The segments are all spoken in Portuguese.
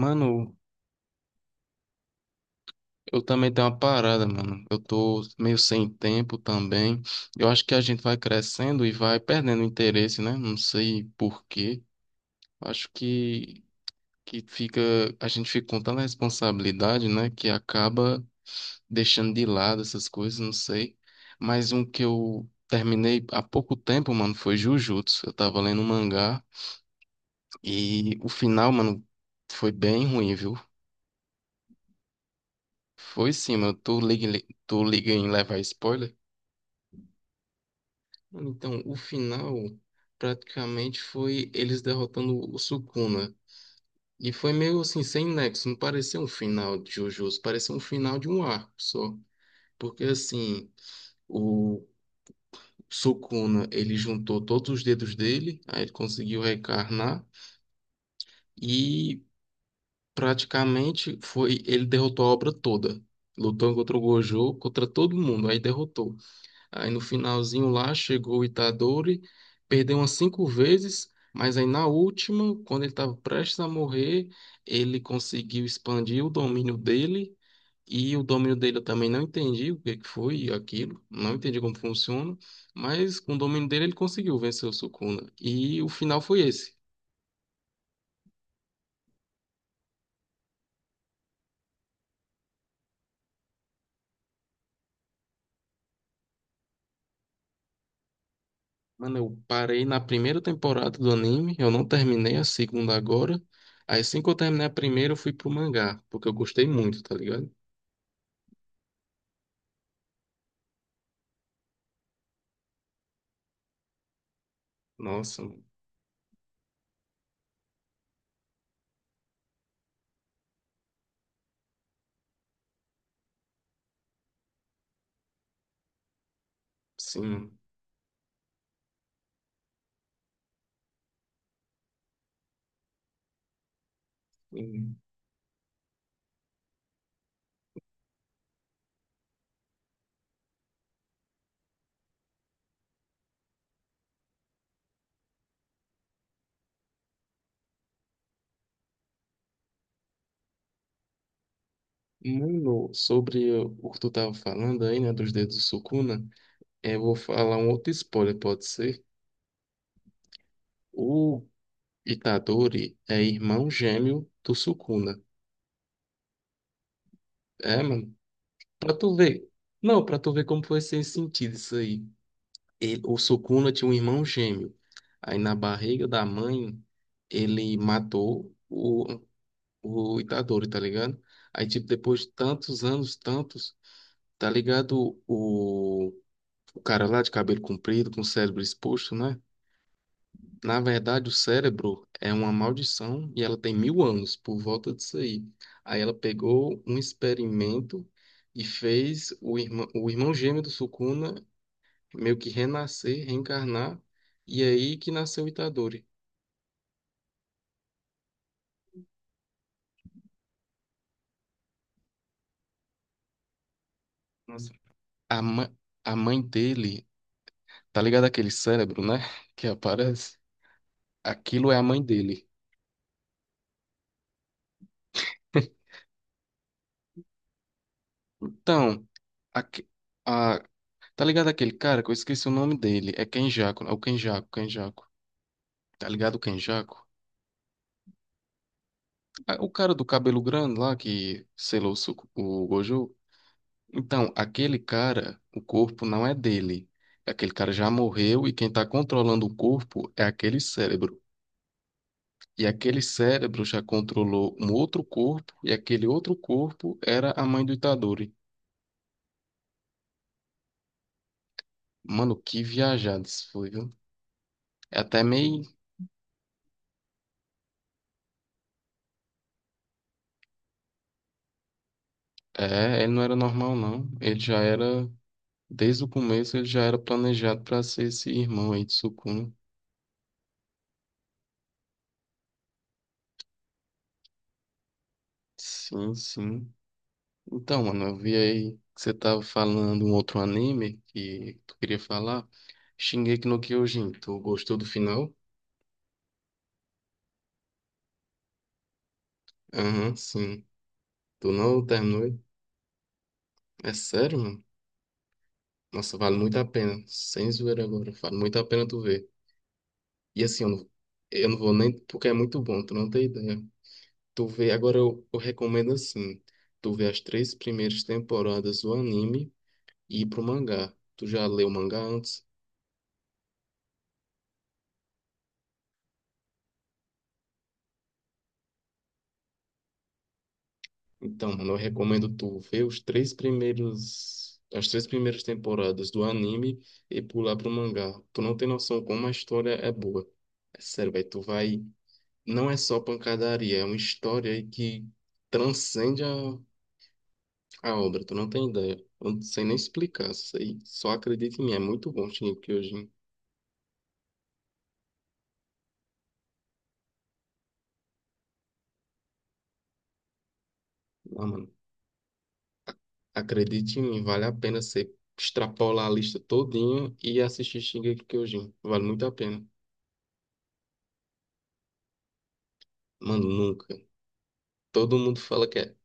Mano, eu também tenho uma parada, mano. Eu tô meio sem tempo também. Eu acho que a gente vai crescendo e vai perdendo interesse, né? Não sei por quê. Acho que, que fica, a gente fica com tanta responsabilidade, né? Que acaba deixando de lado essas coisas, não sei. Mas um que eu terminei há pouco tempo, mano, foi Jujutsu. Eu tava lendo um mangá e o final, mano, foi bem ruim, viu? Foi sim, mano. Tu liga, tu liga em levar spoiler? Mano, então, o final praticamente foi eles derrotando o Sukuna. E foi meio assim, sem nexo. Não parecia um final de Jujutsu, parecia um final de um arco só. Porque assim, o Sukuna, ele juntou todos os dedos dele, aí ele conseguiu reencarnar. E praticamente foi, ele derrotou a obra toda. Lutou contra o Gojo, contra todo mundo, aí derrotou. Aí no finalzinho lá chegou o Itadori, perdeu umas cinco vezes, mas aí na última, quando ele estava prestes a morrer, ele conseguiu expandir o domínio dele. E o domínio dele eu também não entendi o que que foi aquilo, não entendi como funciona, mas com o domínio dele ele conseguiu vencer o Sukuna. E o final foi esse. Mano, eu parei na primeira temporada do anime, eu não terminei a segunda agora. Aí assim que eu terminei a primeira, eu fui pro mangá, porque eu gostei muito, tá ligado? Nossa. Sim. Em- Mano, sobre o que tu tava falando aí, né, dos dedos do Sukuna, eu vou falar um outro spoiler, pode ser? O Itadori é irmão gêmeo do Sukuna. É, mano, pra tu ver. Não, pra tu ver como foi sem sentido isso aí. O Sukuna tinha um irmão gêmeo. Aí na barriga da mãe, ele matou o Itadori, tá ligado? Aí, tipo, depois de tantos anos, tantos, tá ligado? O cara lá de cabelo comprido, com o cérebro exposto, né? Na verdade, o cérebro é uma maldição e ela tem mil anos por volta disso aí. Aí ela pegou um experimento e fez o irmão gêmeo do Sukuna meio que renascer, reencarnar, e é aí que nasceu o Itadori. Nossa. A, ma- a mãe dele, tá ligado aquele cérebro, né? Que aparece? Aquilo é a mãe dele. Então, aque- a tá ligado aquele cara que eu esqueci o nome dele? É Kenjaco, é o Kenjaco, Kenjaco. Tá ligado o Kenjaco? Ah, o cara do cabelo grande lá que selou o Gojo. Então, aquele cara, o corpo não é dele. Aquele cara já morreu e quem tá controlando o corpo é aquele cérebro. E aquele cérebro já controlou um outro corpo e aquele outro corpo era a mãe do Itadori. Mano, que viajado isso foi, viu? É até meio. É, ele não era normal, não. Ele já era. Desde o começo ele já era planejado para ser esse irmão aí de Sukuna. Sim, sim. Então, mano, eu vi aí que você tava falando um outro anime que tu queria falar. Shingeki no Kyojin, tu gostou do final? Aham, sim. Tu não terminou ele? É sério, mano? Nossa, vale muito a pena. Sem zoeira agora, vale muito a pena tu ver. E assim, eu não vou nem... Porque é muito bom, tu não tem ideia. Tu vê, agora eu recomendo assim, tu vê as três primeiras temporadas do anime e ir pro mangá. Tu já leu o mangá antes? Então, mano, eu recomendo tu ver os três primeiros, as três primeiras temporadas do anime e pular pro mangá. Tu não tem noção como a história é boa. É sério, velho, tu vai. Não é só pancadaria, é uma história aí que transcende a obra. Tu não tem ideia. Eu não sei nem explicar isso aí. Só acredita em mim, é muito bom, Shingeki Kyojin. Ah, mano. Acredite em mim, vale a pena você extrapolar a lista todinho e assistir Shingeki no Kyojin. Vale muito a pena. Mano, nunca. Todo mundo fala que é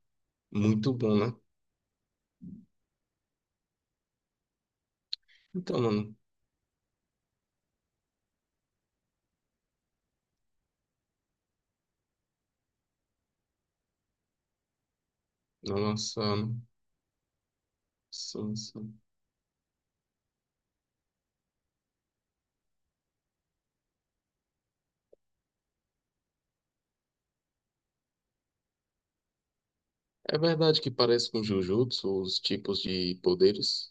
muito bom, né? Então, mano, nossa, sim, sim. É verdade que parece com Jujutsu, os tipos de poderes.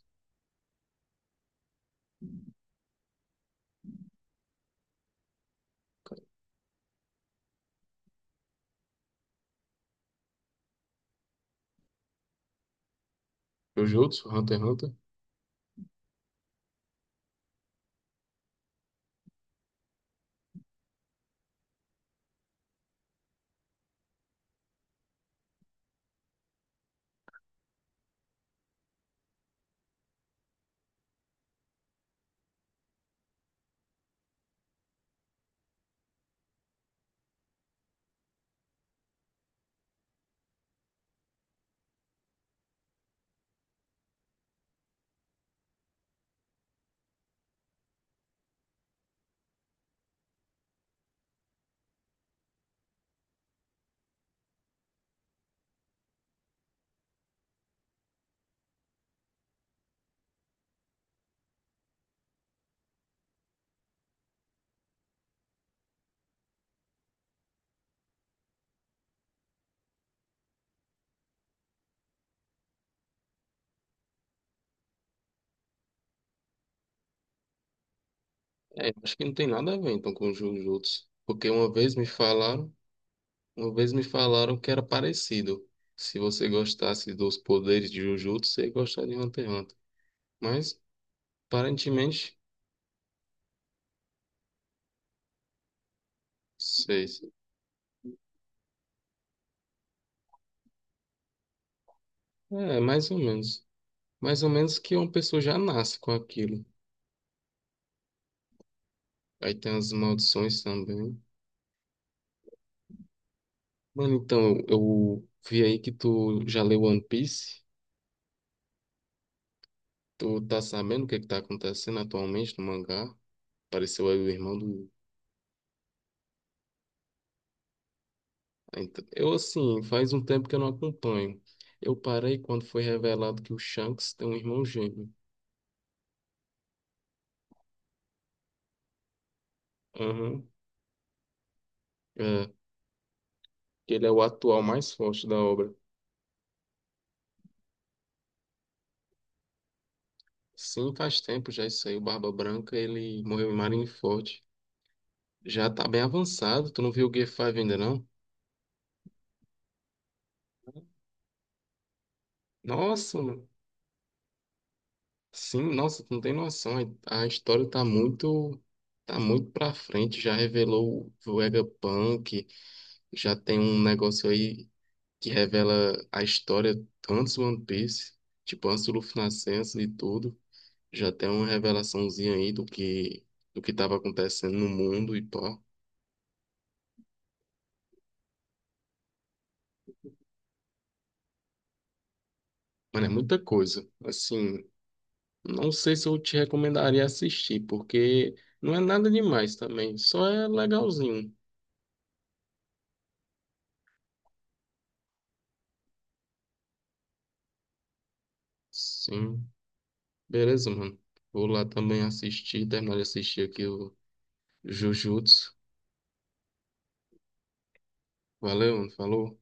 Jujutsu, Hunter x Hunter? É, acho que não tem nada a ver então com Jujutsu. Porque uma vez me falaram, uma vez me falaram que era parecido. Se você gostasse dos poderes de Jujutsu, você ia gostar de Hunter x Hunter. Mas aparentemente, seis. É, mais ou menos. Mais ou menos que uma pessoa já nasce com aquilo. Aí tem as maldições também. Mano, então, eu vi aí que tu já leu One Piece. Tu tá sabendo o que é que tá acontecendo atualmente no mangá? Apareceu aí o irmão do. Ah, então- eu, assim, faz um tempo que eu não acompanho. Eu parei quando foi revelado que o Shanks tem um irmão gêmeo. Aham. É, que ele é o atual mais forte da obra. Sim, faz tempo já isso aí. O Barba Branca, ele morreu em Marineford. Já tá bem avançado. Tu não viu o Gear 5 ainda, não? Nossa, mano. Sim, nossa, tu não tem noção. A história tá muito... Tá muito pra frente. Já revelou o Vegapunk. Já tem um negócio aí que revela a história antes do One Piece. Tipo, antes do Luffy nascer, antes de tudo. Já tem uma revelaçãozinha aí do que... Do que tava acontecendo no mundo e pá. Mano, é muita coisa. Assim... Não sei se eu te recomendaria assistir, porque não é nada demais também, só é legalzinho. Sim, beleza, mano. Vou lá também assistir, terminar de assistir aqui o Jujutsu. Valeu, mano. Falou.